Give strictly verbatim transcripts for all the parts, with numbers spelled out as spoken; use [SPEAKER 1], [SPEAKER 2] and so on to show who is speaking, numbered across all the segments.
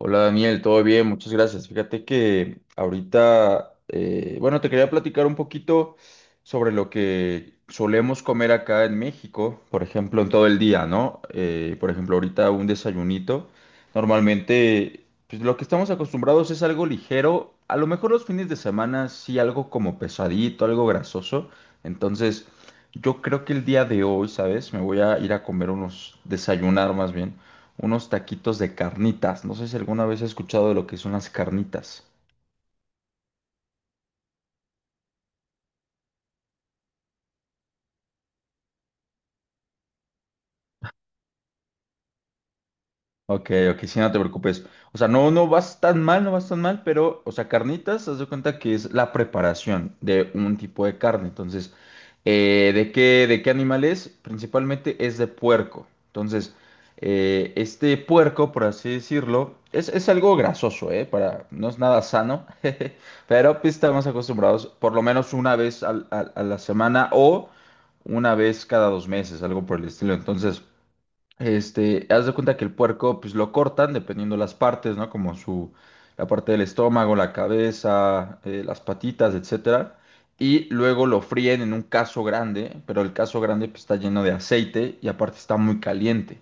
[SPEAKER 1] Hola Daniel, todo bien, muchas gracias. Fíjate que ahorita, eh, bueno, te quería platicar un poquito sobre lo que solemos comer acá en México, por ejemplo, en todo el día, ¿no? Eh, por ejemplo, ahorita un desayunito. Normalmente, pues lo que estamos acostumbrados es algo ligero. A lo mejor los fines de semana sí algo como pesadito, algo grasoso. Entonces, yo creo que el día de hoy, ¿sabes? Me voy a ir a comer unos, desayunar más bien unos taquitos de carnitas. No sé si alguna vez has escuchado de lo que son las carnitas. Ok, ok, sí, no te preocupes. O sea, no, no vas tan mal, no vas tan mal, pero, o sea, carnitas, haz de cuenta que es la preparación de un tipo de carne. Entonces, eh, ¿de qué, de qué animal es? Principalmente es de puerco. Entonces, eh, este puerco, por así decirlo, es, es algo grasoso, ¿eh? Para, no es nada sano, jeje, pero pues, estamos acostumbrados por lo menos una vez al- al- a la semana o una vez cada dos meses, algo por el estilo. Entonces... Este, haz de cuenta que el puerco, pues lo cortan dependiendo las partes, ¿no? Como su, la parte del estómago, la cabeza, eh, las patitas, etcétera. Y luego lo fríen en un caso grande, pero el caso grande pues, está lleno de aceite y aparte está muy caliente.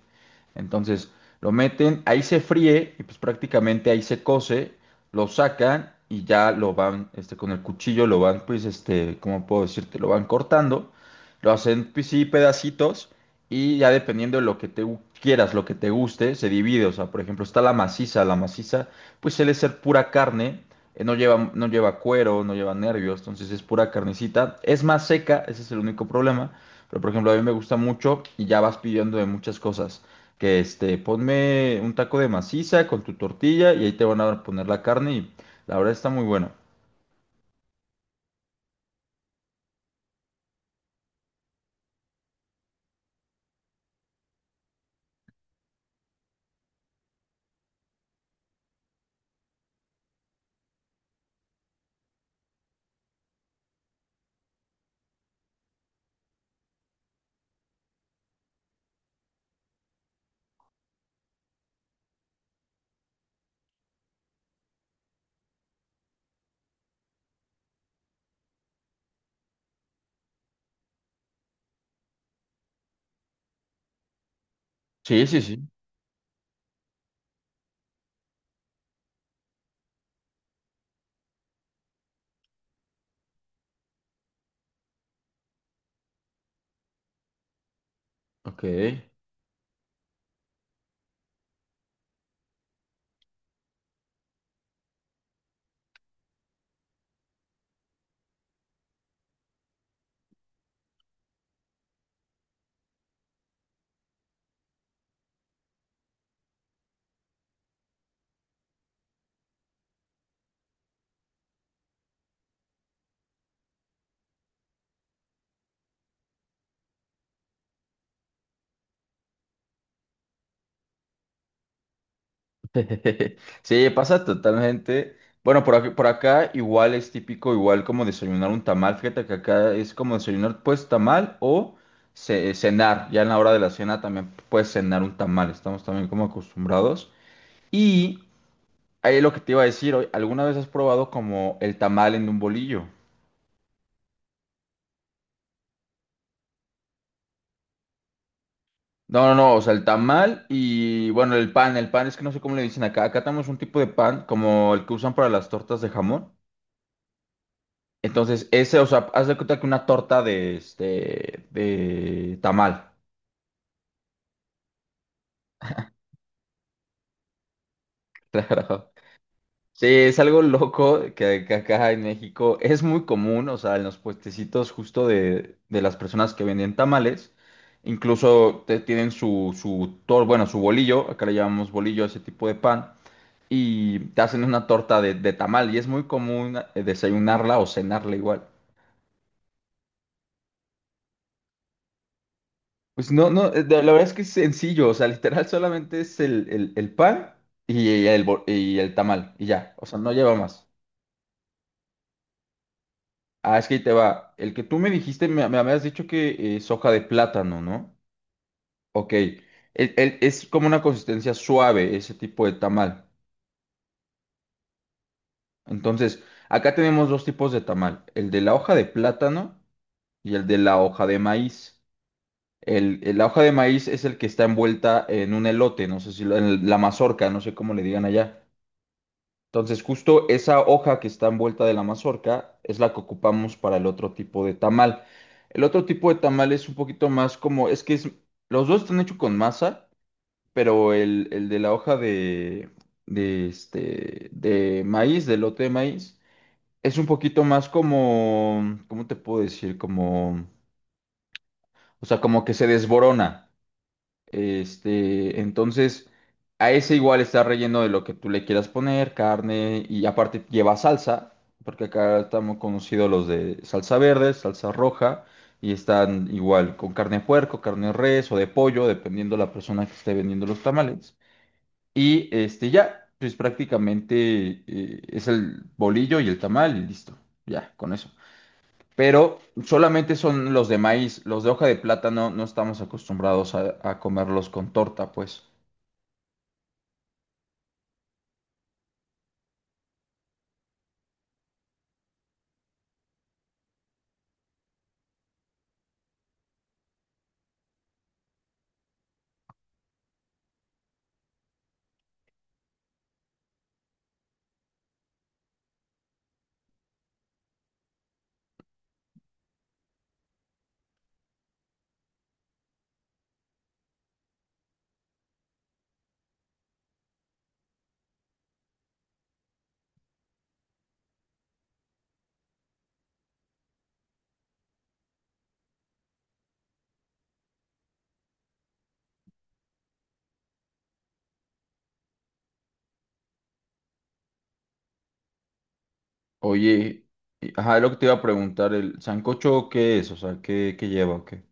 [SPEAKER 1] Entonces lo meten, ahí se fríe y pues prácticamente ahí se cose, lo sacan y ya lo van, este, con el cuchillo lo van, pues, este, ¿cómo puedo decirte? Lo van cortando, lo hacen, pues sí, pedacitos y ya dependiendo de lo que te gu- quieras, lo que te guste, se divide. O sea, por ejemplo, está la maciza. La maciza, pues suele ser pura carne. Eh, no lleva, no lleva cuero, no lleva nervios. Entonces es pura carnecita. Es más seca, ese es el único problema. Pero, por ejemplo, a mí me gusta mucho y ya vas pidiendo de muchas cosas. Que este, ponme un taco de maciza con tu tortilla y ahí te van a poner la carne y la verdad está muy bueno. Sí, sí, sí. Ok. Sí, pasa totalmente. Bueno, por aquí, por acá igual es típico, igual como desayunar un tamal. Fíjate que acá es como desayunar pues tamal o ce- cenar. Ya en la hora de la cena también puedes cenar un tamal. Estamos también como acostumbrados. Y ahí lo que te iba a decir, hoy, ¿alguna vez has probado como el tamal en un bolillo? No, no, no, o sea, el tamal y bueno, el pan. El pan es que no sé cómo le dicen acá. Acá tenemos un tipo de pan como el que usan para las tortas de jamón. Entonces, ese, o sea, haz de cuenta que una torta de, este, de tamal. Claro. Sí, es algo loco que, que acá en México es muy común, o sea, en los puestecitos justo de, de las personas que venden tamales, incluso te- tienen su, su tor- bueno, su bolillo, acá le llamamos bolillo a ese tipo de pan, y te hacen una torta de, de tamal, y es muy común eh, desayunarla o cenarla igual. Pues no, no, eh, la verdad es que es sencillo, o sea, literal solamente es el, el, el pan y el, bo- y el tamal, y ya, o sea, no lleva más. Ah, es que ahí te va. El que tú me dijiste, me, me habías dicho que eh, es hoja de plátano, ¿no? Ok, el- el- es como una consistencia suave ese tipo de tamal. Entonces, acá tenemos dos tipos de tamal, el de la hoja de plátano y el de la hoja de maíz. El, el- la hoja de maíz es el que está envuelta en un elote, no sé si lo- en la mazorca, no sé cómo le digan allá. Entonces, justo esa hoja que está envuelta de la mazorca es la que ocupamos para el otro tipo de tamal. El otro tipo de tamal es un poquito más como, es que es- los dos están hechos con masa, pero el, el de la hoja de, de, este, de maíz, del lote de maíz, es un poquito más como, ¿cómo te puedo decir? Como, o sea, como que se desborona. Este, entonces, a ese igual está relleno de lo que tú le quieras poner, carne, y aparte lleva salsa, porque acá estamos conocidos los de salsa verde, salsa roja, y están igual con carne de puerco, carne de res o de pollo, dependiendo la persona que esté vendiendo los tamales. Y este, ya, pues prácticamente eh, es el bolillo y el tamal y listo, ya, con eso pero solamente son los de maíz, los de hoja de plátano no estamos acostumbrados a, a comerlos con torta, pues. Oye, y- ajá, lo que te iba a preguntar, ¿el sancocho qué es? O sea, ¿qué, qué lleva? O ¿qué?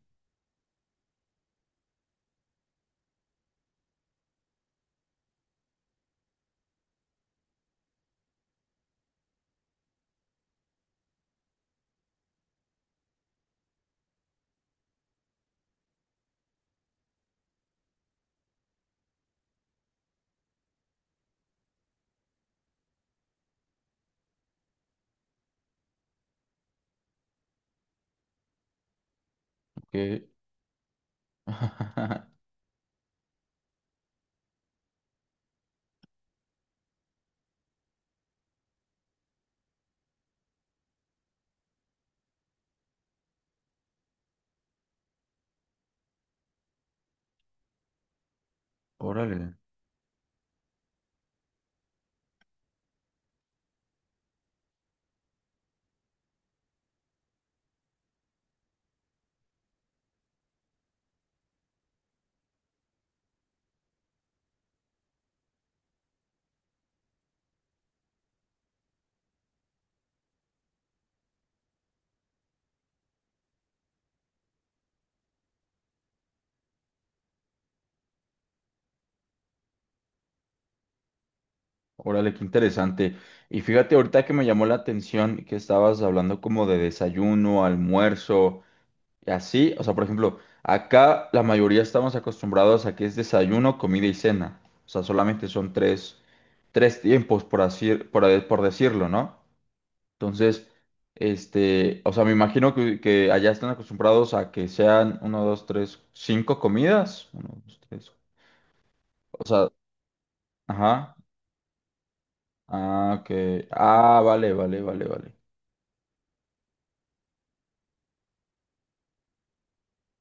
[SPEAKER 1] ¿Qué? Órale, órale, qué interesante. Y fíjate, ahorita que me llamó la atención que estabas hablando como de desayuno, almuerzo. Y así, o sea, por ejemplo, acá la mayoría estamos acostumbrados a que es desayuno, comida y cena. O sea, solamente son tres, tres tiempos, por así, por, de- por decirlo, ¿no? Entonces, este, o sea, me imagino que, que allá están acostumbrados a que sean uno, dos, tres, cinco comidas. Uno, dos, tres. O sea, ajá. Ah, que. Ah, vale, vale, vale, vale.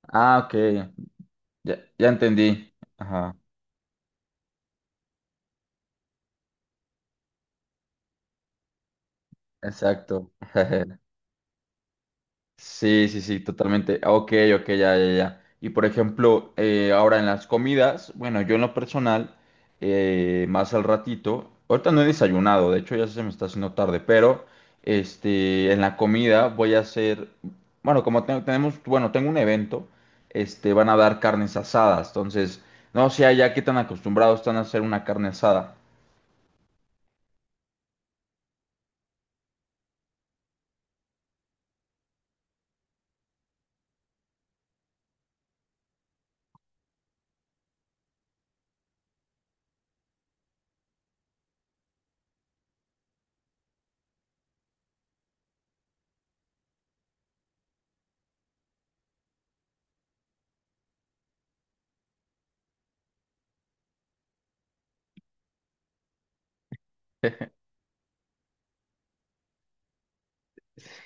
[SPEAKER 1] Ah, ok. Ya, ya entendí. Ajá. Exacto. Sí, sí, sí, totalmente. Ah, ok, ok, ya, ya, ya. Y por ejemplo, eh, ahora en las comidas, bueno, yo en lo personal, eh, más al ratito, ahorita no he desayunado, de hecho ya se me está haciendo tarde, pero este, en la comida voy a hacer, bueno, como te- tenemos, bueno, tengo un evento, este, van a dar carnes asadas, entonces, no sé allá qué tan acostumbrados están a hacer una carne asada.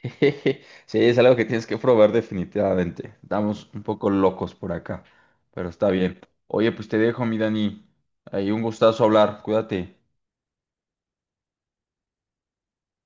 [SPEAKER 1] Sí, es algo que tienes que probar definitivamente. Estamos un poco locos por acá, pero está bien. Oye, pues te dejo, mi Dani. Ahí un gustazo hablar. Cuídate.